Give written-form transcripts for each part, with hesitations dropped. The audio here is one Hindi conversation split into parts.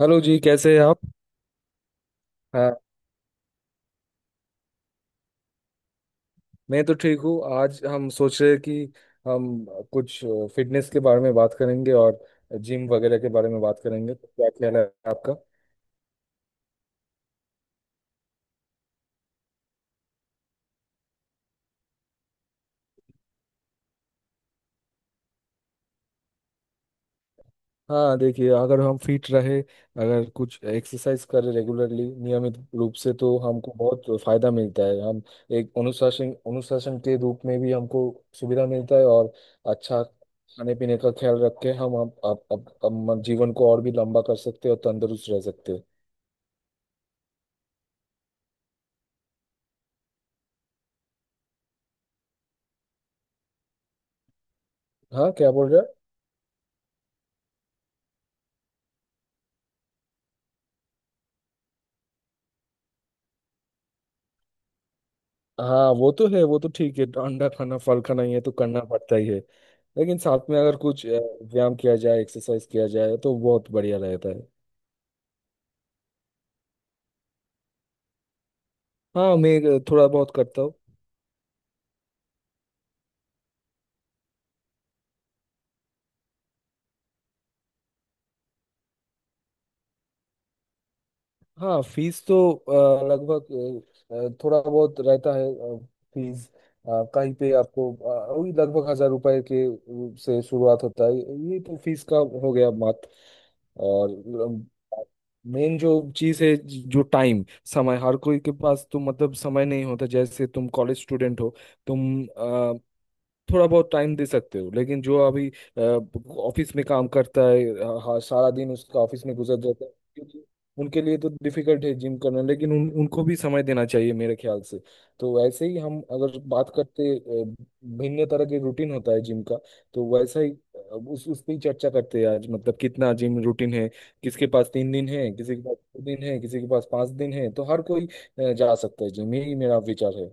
हेलो जी। कैसे हैं आप? हाँ, मैं तो ठीक हूँ। आज हम सोच रहे हैं कि हम कुछ फिटनेस के बारे में बात करेंगे और जिम वगैरह के बारे में बात करेंगे। तो क्या ख्याल है आपका? हाँ, देखिए, अगर हम फिट रहे, अगर कुछ एक्सरसाइज करें रेगुलरली, नियमित रूप से, तो हमको बहुत फायदा मिलता है। हम एक अनुशासन अनुशासन के रूप में भी हमको सुविधा मिलता है। और अच्छा खाने पीने का ख्याल रख के हम जीवन को और भी लंबा कर सकते हैं और तंदुरुस्त रह सकते हैं। हाँ, क्या बोल रहे हैं? हाँ वो तो है, वो तो ठीक है। अंडा खाना, फल खाना, ये तो करना पड़ता ही है। लेकिन साथ में अगर कुछ व्यायाम किया जाए, एक्सरसाइज किया जाए, तो बहुत बढ़िया रहता है। हाँ, मैं थोड़ा बहुत करता हूँ। हाँ, फीस तो लगभग थोड़ा बहुत रहता है। फीस कहीं पे आपको वही लगभग हजार रुपए के से शुरुआत होता है। ये तो फीस का हो गया मात्र। और मेन जो चीज है, जो टाइम, समय, हर कोई के पास तो मतलब समय नहीं होता। जैसे तुम कॉलेज स्टूडेंट हो, तुम थोड़ा बहुत टाइम दे सकते हो। लेकिन जो अभी ऑफिस में काम करता है, हाँ, सारा दिन उसका ऑफिस में गुजर जाता है, क्योंकि उनके लिए तो डिफिकल्ट है जिम करना। लेकिन उन उनको भी समय देना चाहिए मेरे ख्याल से। तो वैसे ही हम अगर बात करते भिन्न तरह के रूटीन होता है जिम का। तो वैसा ही उस पे ही चर्चा करते हैं आज, मतलब कितना जिम रूटीन है। किसके पास तीन दिन है, किसी के पास दो दिन है, किसी के पास पांच दिन है। तो हर कोई जा सकता है जिम, यही मेरा विचार है।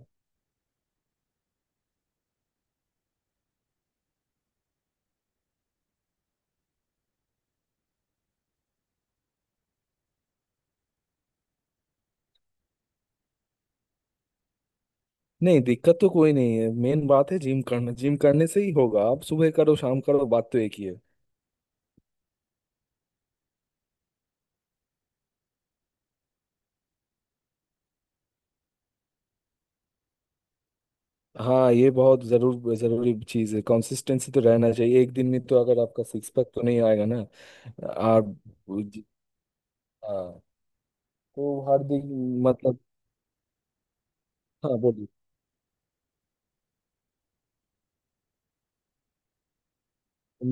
नहीं, दिक्कत तो कोई नहीं है। मेन बात है जिम करना, जिम करने से ही होगा। आप सुबह करो, शाम करो, बात तो एक ही है। हाँ, ये बहुत जरूरी चीज है। कंसिस्टेंसी तो रहना चाहिए। एक दिन में तो अगर आपका सिक्स पैक तो नहीं आएगा ना आप। हाँ, तो हर दिन मतलब। हाँ बोलिए।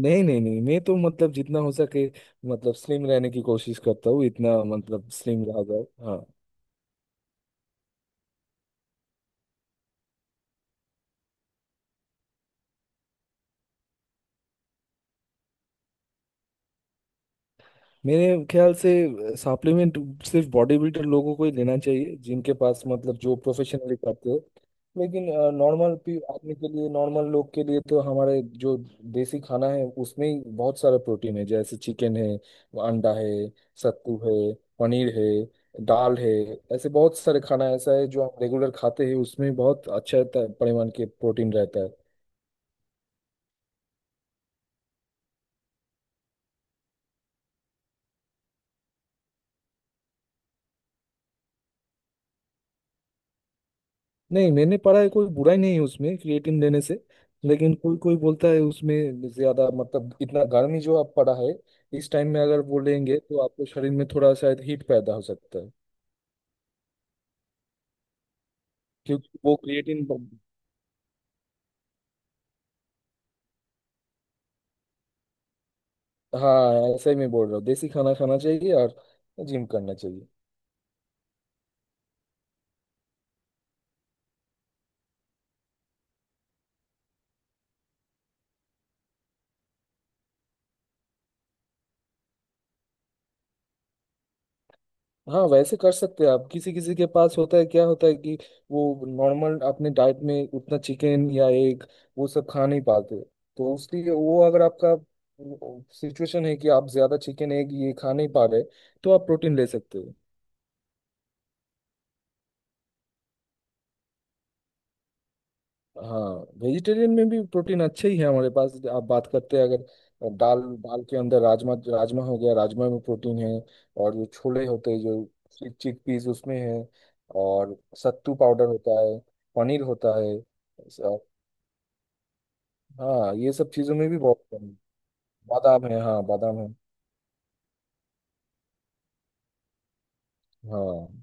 नहीं नहीं नहीं, मैं तो मतलब जितना हो सके, मतलब स्लिम रहने की कोशिश करता हूँ। इतना मतलब स्लिम रहा जाए। मेरे ख्याल से सप्लीमेंट सिर्फ बॉडी बिल्डर लोगों को ही लेना चाहिए, जिनके पास मतलब जो प्रोफेशनली करते हैं। लेकिन नॉर्मल आदमी के लिए, नॉर्मल लोग के लिए तो हमारे जो देसी खाना है उसमें ही बहुत सारा प्रोटीन है। जैसे चिकन है, अंडा है, सत्तू है, पनीर है, दाल है। ऐसे बहुत सारे खाना ऐसा है जो हम रेगुलर खाते हैं, उसमें बहुत अच्छा परिमाण के प्रोटीन रहता है। नहीं, मैंने पढ़ा है कोई बुराई नहीं है उसमें, क्रिएटिन लेने से। लेकिन कोई कोई बोलता है उसमें ज्यादा मतलब इतना गर्मी जो आप पड़ा है, इस टाइम में अगर वो लेंगे तो आपको शरीर में थोड़ा शायद हीट पैदा हो सकता है, क्योंकि वो क्रिएटिन। हाँ, ऐसे ही मैं बोल रहा हूँ, देसी खाना खाना चाहिए और जिम करना चाहिए। हाँ, वैसे कर सकते हैं आप। किसी किसी के पास होता है, क्या होता है कि वो नॉर्मल अपने डाइट में उतना चिकन या एग, वो सब खा नहीं पाते। तो उसलिए वो अगर आपका सिचुएशन है कि आप ज्यादा चिकन, एग ये खा नहीं पा रहे, तो आप प्रोटीन ले सकते हो। हाँ। वेजिटेरियन में भी प्रोटीन अच्छे ही है हमारे पास। आप बात करते हैं अगर दाल, दाल के अंदर राजमा, राजमा हो गया, राजमा में प्रोटीन है। और जो छोले होते हैं, जो चिक चिक पीस, उसमें है। और सत्तू पाउडर होता है, पनीर होता है। स- हाँ, ये सब चीज़ों में भी बहुत कम। बादाम है, हाँ बादाम है। हाँ,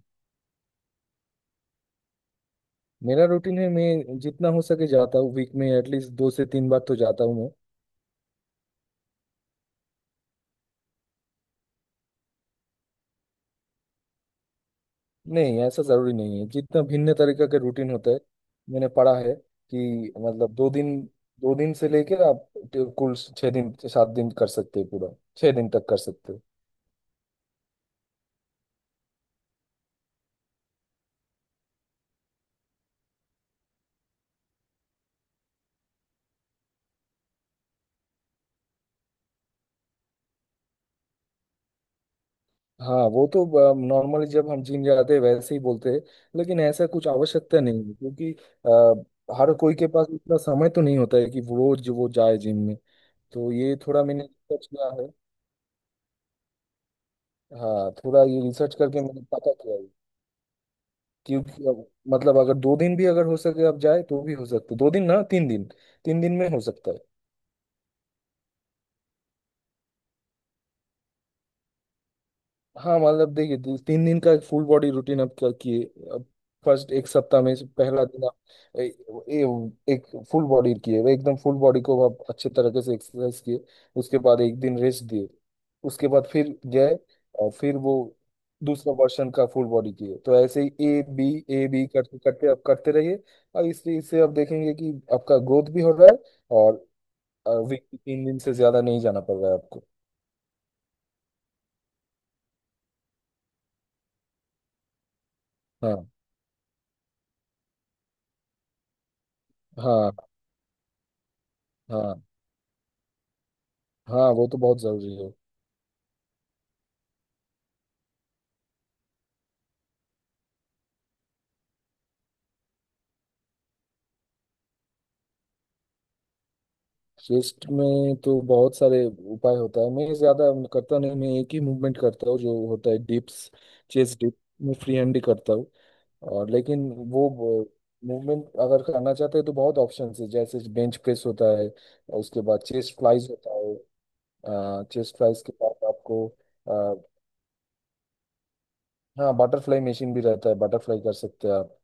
मेरा रूटीन है, मैं जितना हो सके जाता हूँ। वीक में एटलीस्ट दो से तीन बार तो जाता हूँ। नहीं, ऐसा जरूरी नहीं है, जितना भिन्न तरीके के रूटीन होते हैं। मैंने पढ़ा है कि मतलब दो दिन, दो दिन से लेकर आप कुल छह दिन, सात दिन कर सकते हैं पूरा, छह दिन तक कर सकते हैं। हाँ, वो तो नॉर्मली जब हम जिम जाते हैं वैसे ही बोलते हैं। लेकिन ऐसा कुछ आवश्यकता नहीं है, क्योंकि हर कोई के पास इतना समय तो नहीं होता है कि वो रोज वो जाए जिम में। तो ये थोड़ा मैंने रिसर्च किया है। हाँ, थोड़ा ये रिसर्च करके मैंने पता किया, क्योंकि अब मतलब अगर दो दिन भी अगर हो सके आप जाए, तो भी हो सकता है। दो दिन ना तीन दिन, तीन दिन में हो सकता है। हाँ, मतलब देखिए, दो- तीन दिन का फुल बॉडी रूटीन आप क्या किए। अब फर्स्ट एक सप्ताह में से पहला दिन आप ए, ए, एक फुल बॉडी किए, वो एकदम फुल बॉडी को आप अच्छे तरीके से एक्सरसाइज किए। उसके बाद एक दिन रेस्ट दिए। उसके बाद फिर गए और फिर वो दूसरा वर्षन का फुल बॉडी किए। तो ऐसे ही ए बी, ए बी करते करते आप करते रहिए। और इस चीज से आप देखेंगे कि आपका ग्रोथ भी हो रहा है, और वीक तीन दिन से ज्यादा नहीं जाना पड़ रहा है आपको। हाँ। हाँ। हाँ। हाँ, वो तो बहुत जरूरी है। चेस्ट में तो बहुत सारे उपाय होता है। मैं ज्यादा करता नहीं, मैं एक ही मूवमेंट करता हूँ, जो होता है डिप्स, चेस्ट डिप। मैं फ्री हैंड ही करता हूँ। और, लेकिन वो मूवमेंट अगर करना चाहते हैं तो बहुत ऑप्शंस है। जैसे बेंच प्रेस होता है, और उसके बाद चेस्ट फ्लाइज होता है। चेस्ट फ्लाइज के बाद आपको अ, हाँ बटरफ्लाई मशीन भी रहता है, बटरफ्लाई कर सकते हैं आप।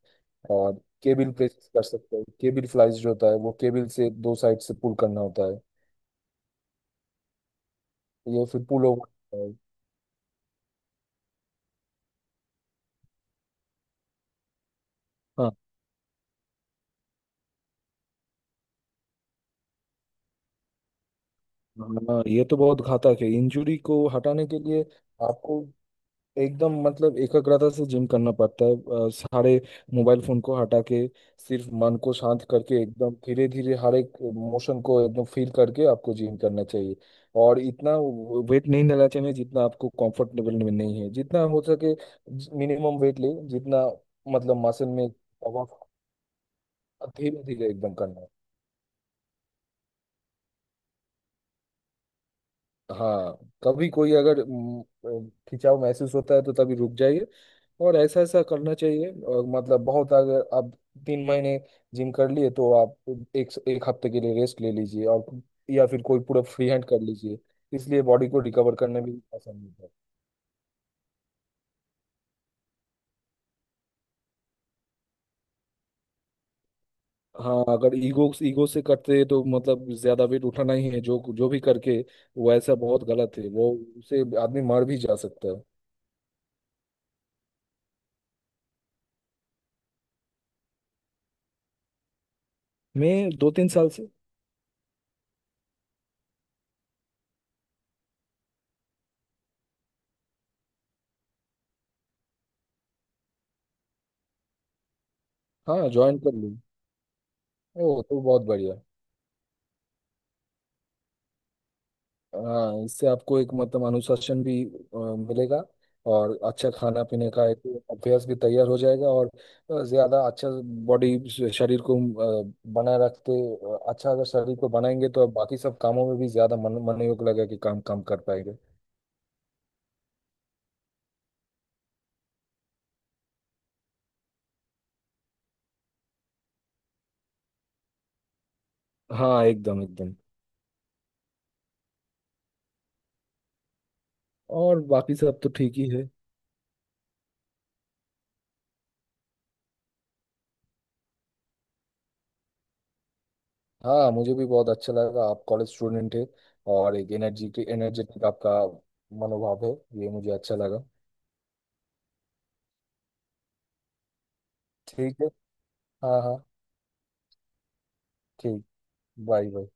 और केबिल प्रेस कर सकते हैं, केबिल फ्लाइज जो होता है, वो केबिल से दो साइड से पुल करना होता है। ये फिर पुल ओवर होता है। हाँ। हाँ, ये तो बहुत घातक है, इंजुरी को हटाने के लिए आपको एकदम मतलब एकाग्रता से जिम करना पड़ता है। सारे मोबाइल फोन को हटा के, सिर्फ मन को शांत करके, एकदम धीरे धीरे हर एक मोशन को एकदम फील करके आपको जिम करना चाहिए। और इतना वेट नहीं लेना चाहिए जितना आपको कंफर्टेबल में नहीं है। जितना हो सके मिनिमम वेट ले जितना, मतलब मसल में धीरे धीरे एकदम करना है। हाँ, कभी कोई अगर खिंचाव महसूस होता है तो तभी रुक जाइए। और ऐसा ऐसा करना चाहिए। और मतलब बहुत अगर आप तीन महीने जिम कर लिए, तो आप एक, एक हफ्ते के लिए रेस्ट ले लीजिए, और या फिर कोई पूरा फ्री हैंड कर लीजिए। इसलिए बॉडी को रिकवर करने में भी आसानी होता है। हाँ, अगर ईगो ईगो से करते हैं तो मतलब ज्यादा वेट उठाना ही है जो जो भी करके, वो ऐसा बहुत गलत है वो। उसे आदमी मर भी जा सकता है। मैं दो तीन साल से। हाँ, ज्वाइन कर लूँ। ओ तो बहुत बढ़िया। हाँ, इससे आपको एक मतलब अनुशासन भी मिलेगा। और अच्छा खाना पीने का एक अभ्यास भी तैयार हो जाएगा। और ज्यादा अच्छा बॉडी, शरीर को बनाए रखते अच्छा, अगर शरीर को बनाएंगे तो अब बाकी सब कामों में भी ज्यादा मन, मनोयोग लगेगा कि काम काम कर पाएंगे। हाँ, एकदम एकदम। और बाकी सब तो ठीक ही है। हाँ, मुझे भी बहुत अच्छा लगा। आप कॉलेज स्टूडेंट है, और एक एनर्जी, एनर्जेटिक आपका मनोभाव है, ये मुझे अच्छा लगा। ठीक है। हाँ हाँ। ठीक। Bye bye.